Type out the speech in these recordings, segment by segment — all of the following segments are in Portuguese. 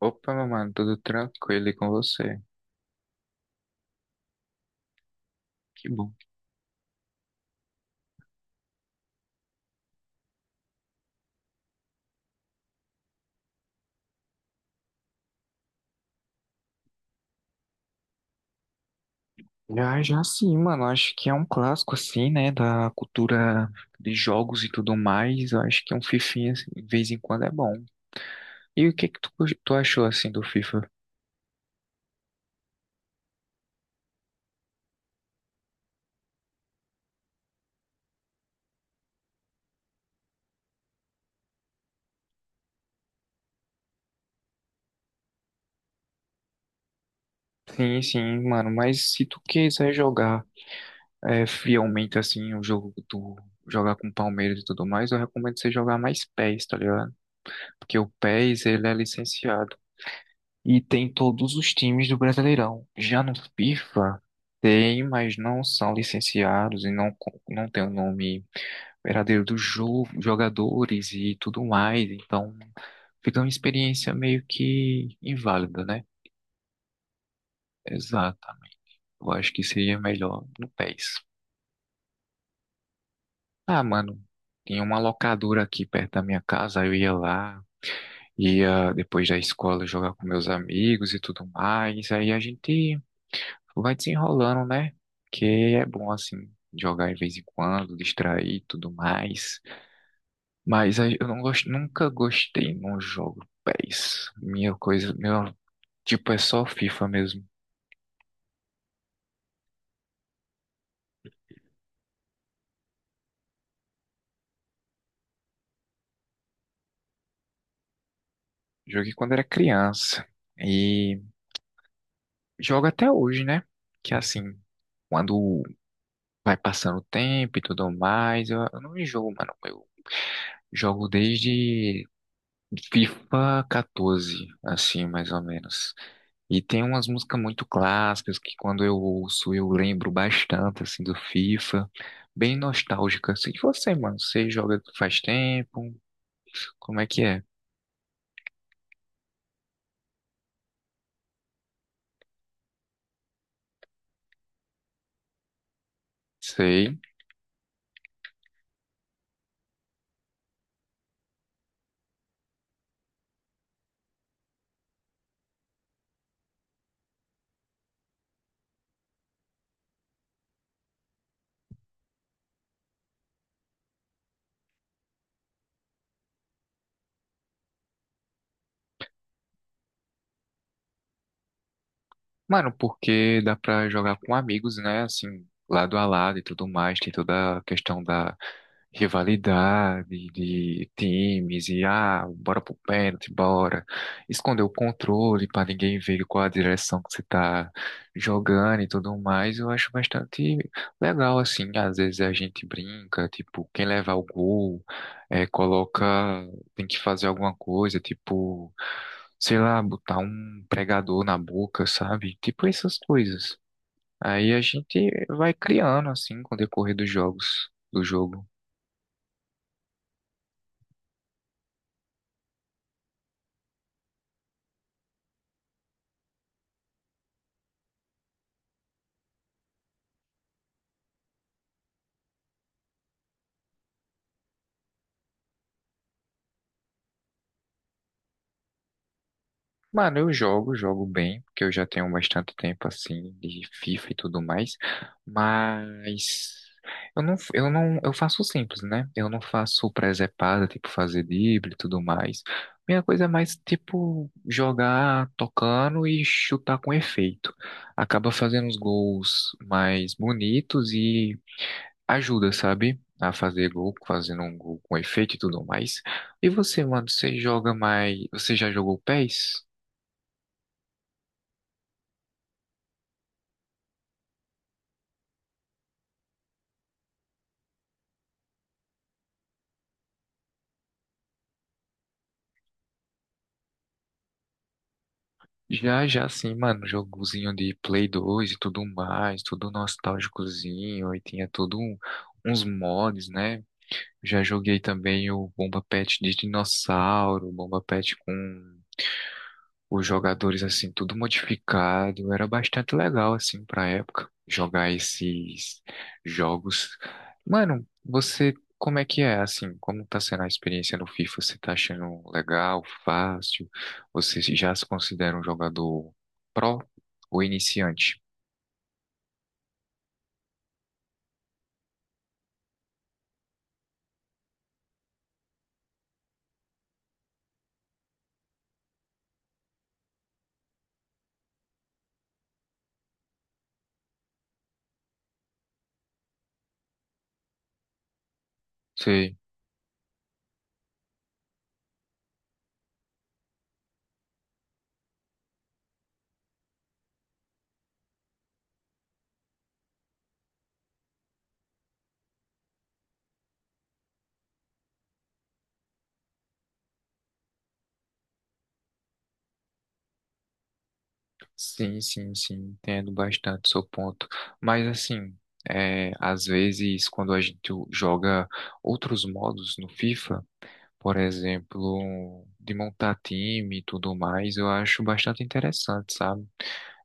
Opa, meu mano, tudo tranquilo e com você? Que bom. Já, já sim, mano. Acho que é um clássico, assim, né? Da cultura de jogos e tudo mais. Eu acho que um fifinha, assim, de vez em quando, é bom. E o que que tu, tu achou, assim, do FIFA? Sim, sim, mano. Mas se tu quiser jogar é, fielmente, assim, o jogo do... Jogar com o Palmeiras e tudo mais, eu recomendo você jogar mais PES, tá ligado? Porque o PES, ele é licenciado. E tem todos os times do Brasileirão. Já no FIFA, tem, mas não são licenciados e não, não tem o nome verdadeiro dos jo jogadores e tudo mais. Então, fica uma experiência meio que inválida, né? Exatamente. Eu acho que seria melhor no PES. Ah, mano, tinha uma locadora aqui perto da minha casa, eu ia lá, ia depois da escola jogar com meus amigos e tudo mais. Aí a gente vai desenrolando, né? Que é bom, assim, jogar de vez em quando, distrair e tudo mais. Mas aí eu não gosto, nunca gostei num jogo PES. Minha coisa, meu, tipo, é só FIFA mesmo. Joguei quando era criança e jogo até hoje, né? Que assim, quando vai passando o tempo e tudo mais, eu não enjoo, mano. Eu jogo desde FIFA 14, assim, mais ou menos. E tem umas músicas muito clássicas que quando eu ouço eu lembro bastante, assim, do FIFA. Bem nostálgica. Assim, e você, mano, você joga faz tempo? Como é que é? Sei. Mano, porque dá pra jogar com amigos, né? Assim, lado a lado e tudo mais. Tem toda a questão da rivalidade, de times, e ah, bora pro pênalti, bora. Esconder o controle pra ninguém ver qual a direção que você tá jogando e tudo mais. Eu acho bastante legal, assim. Às vezes a gente brinca, tipo, quem levar o gol, coloca tem que fazer alguma coisa, tipo, sei lá, botar um pregador na boca, sabe? Tipo essas coisas. Aí a gente vai criando assim com o decorrer dos jogos, do jogo. Mano, eu jogo, jogo bem, porque eu já tenho bastante tempo assim de FIFA e tudo mais, mas eu não, eu não, eu faço simples, né? Eu não faço presepada, tipo fazer drible e tudo mais. Minha coisa é mais tipo jogar tocando e chutar com efeito. Acaba fazendo os gols mais bonitos e ajuda, sabe? A fazer gol, fazendo um gol com efeito e tudo mais. E você, mano, você joga mais, você já jogou pés. Já, já sim, mano, jogozinho de Play 2 e tudo mais, tudo nostálgicozinho, e tinha tudo uns mods, né? Já joguei também o Bomba Pet de dinossauro, Bomba Pet com os jogadores assim tudo modificado, era bastante legal assim pra época jogar esses jogos. Mano, você como é que é assim? Como tá sendo a experiência no FIFA? Você tá achando legal, fácil? Você já se considera um jogador pró ou iniciante? Sei. Sim, sim, sim, entendo bastante o seu ponto. Mas assim, é, às vezes quando a gente joga outros modos no FIFA, por exemplo, de montar time e tudo mais, eu acho bastante interessante, sabe?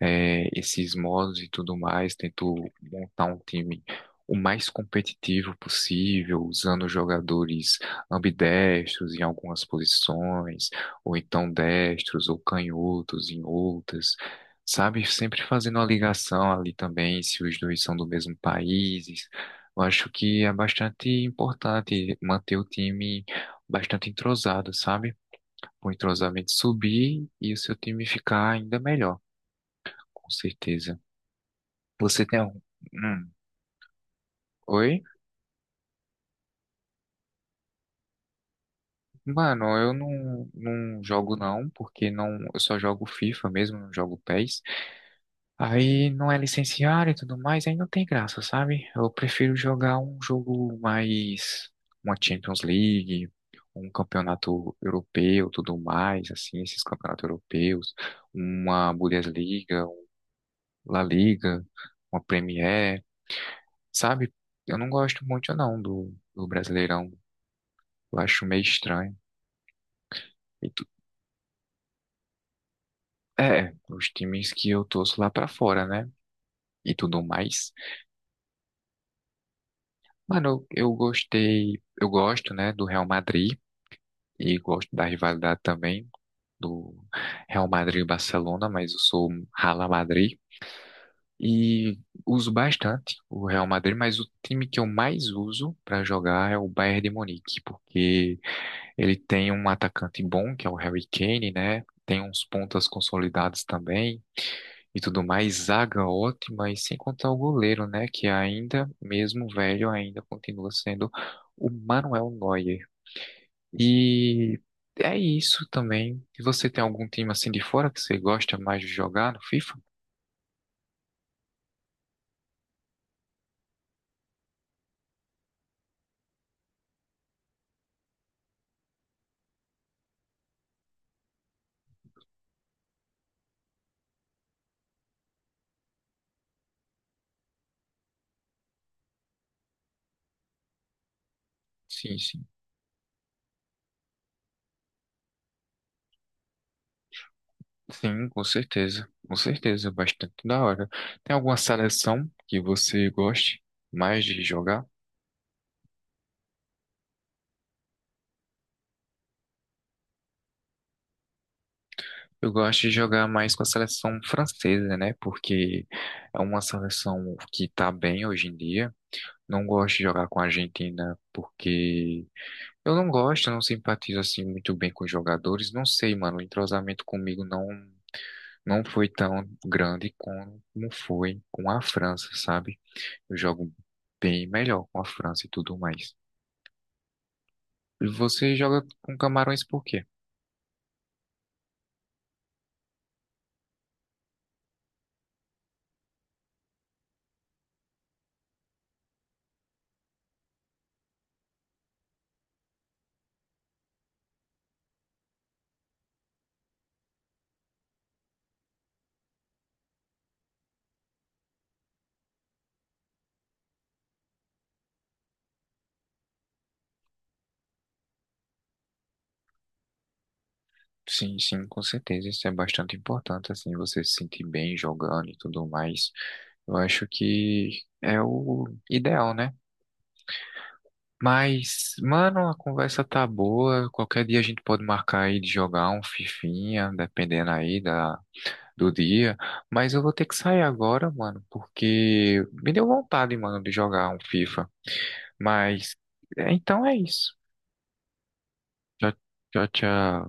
É, esses modos e tudo mais, tento montar um time o mais competitivo possível, usando jogadores ambidestros em algumas posições, ou então destros ou canhotos em outras, sabe? Sempre fazendo uma ligação ali também, se os dois são do mesmo país. Eu acho que é bastante importante manter o time bastante entrosado, sabe? Para o entrosamento subir e o seu time ficar ainda melhor, com certeza. Você tem um. Hum, Oi? Mano, eu não, não jogo não, porque não, eu só jogo FIFA mesmo, não jogo PES. Aí não é licenciado e tudo mais, aí não tem graça, sabe? Eu prefiro jogar um jogo mais, uma Champions League, um campeonato europeu, tudo mais, assim, esses campeonatos europeus, uma Bundesliga, um La Liga, uma Premier, sabe? Eu não gosto muito não do Brasileirão, eu acho meio estranho. É, os times que eu torço lá pra fora, né? E tudo mais. Mano, eu gosto, né, do Real Madrid e gosto da rivalidade também do Real Madrid e Barcelona, mas eu sou um Rala Madrid e uso bastante o Real Madrid, mas o time que eu mais uso pra jogar é o Bayern de Munique, porque ele tem um atacante bom, que é o Harry Kane, né? Tem uns pontas consolidados também, e tudo mais, zaga ótima, e sem contar o goleiro, né? Que ainda, mesmo velho, ainda continua sendo o Manuel Neuer. E é isso também. E você tem algum time assim de fora que você gosta mais de jogar no FIFA? Sim, sim. Sim, com certeza. Com certeza, é bastante da hora. Tem alguma seleção que você goste mais de jogar? Eu gosto de jogar mais com a seleção francesa, né? Porque é uma seleção que tá bem hoje em dia. Não gosto de jogar com a Argentina porque eu não gosto, eu não simpatizo assim muito bem com os jogadores. Não sei, mano, o entrosamento comigo não foi tão grande como foi com a França, sabe? Eu jogo bem melhor com a França e tudo mais. E você joga com Camarões por quê? Sim, sim, com certeza, isso é bastante importante, assim, você se sentir bem jogando e tudo mais. Eu acho que é o ideal, né? Mas, mano, a conversa tá boa. Qualquer dia a gente pode marcar aí de jogar um fifinha, dependendo aí do dia. Mas eu vou ter que sair agora, mano, porque me deu vontade, mano, de jogar um FIFA. Mas, é, então é isso. Tchau, tchau, tchau.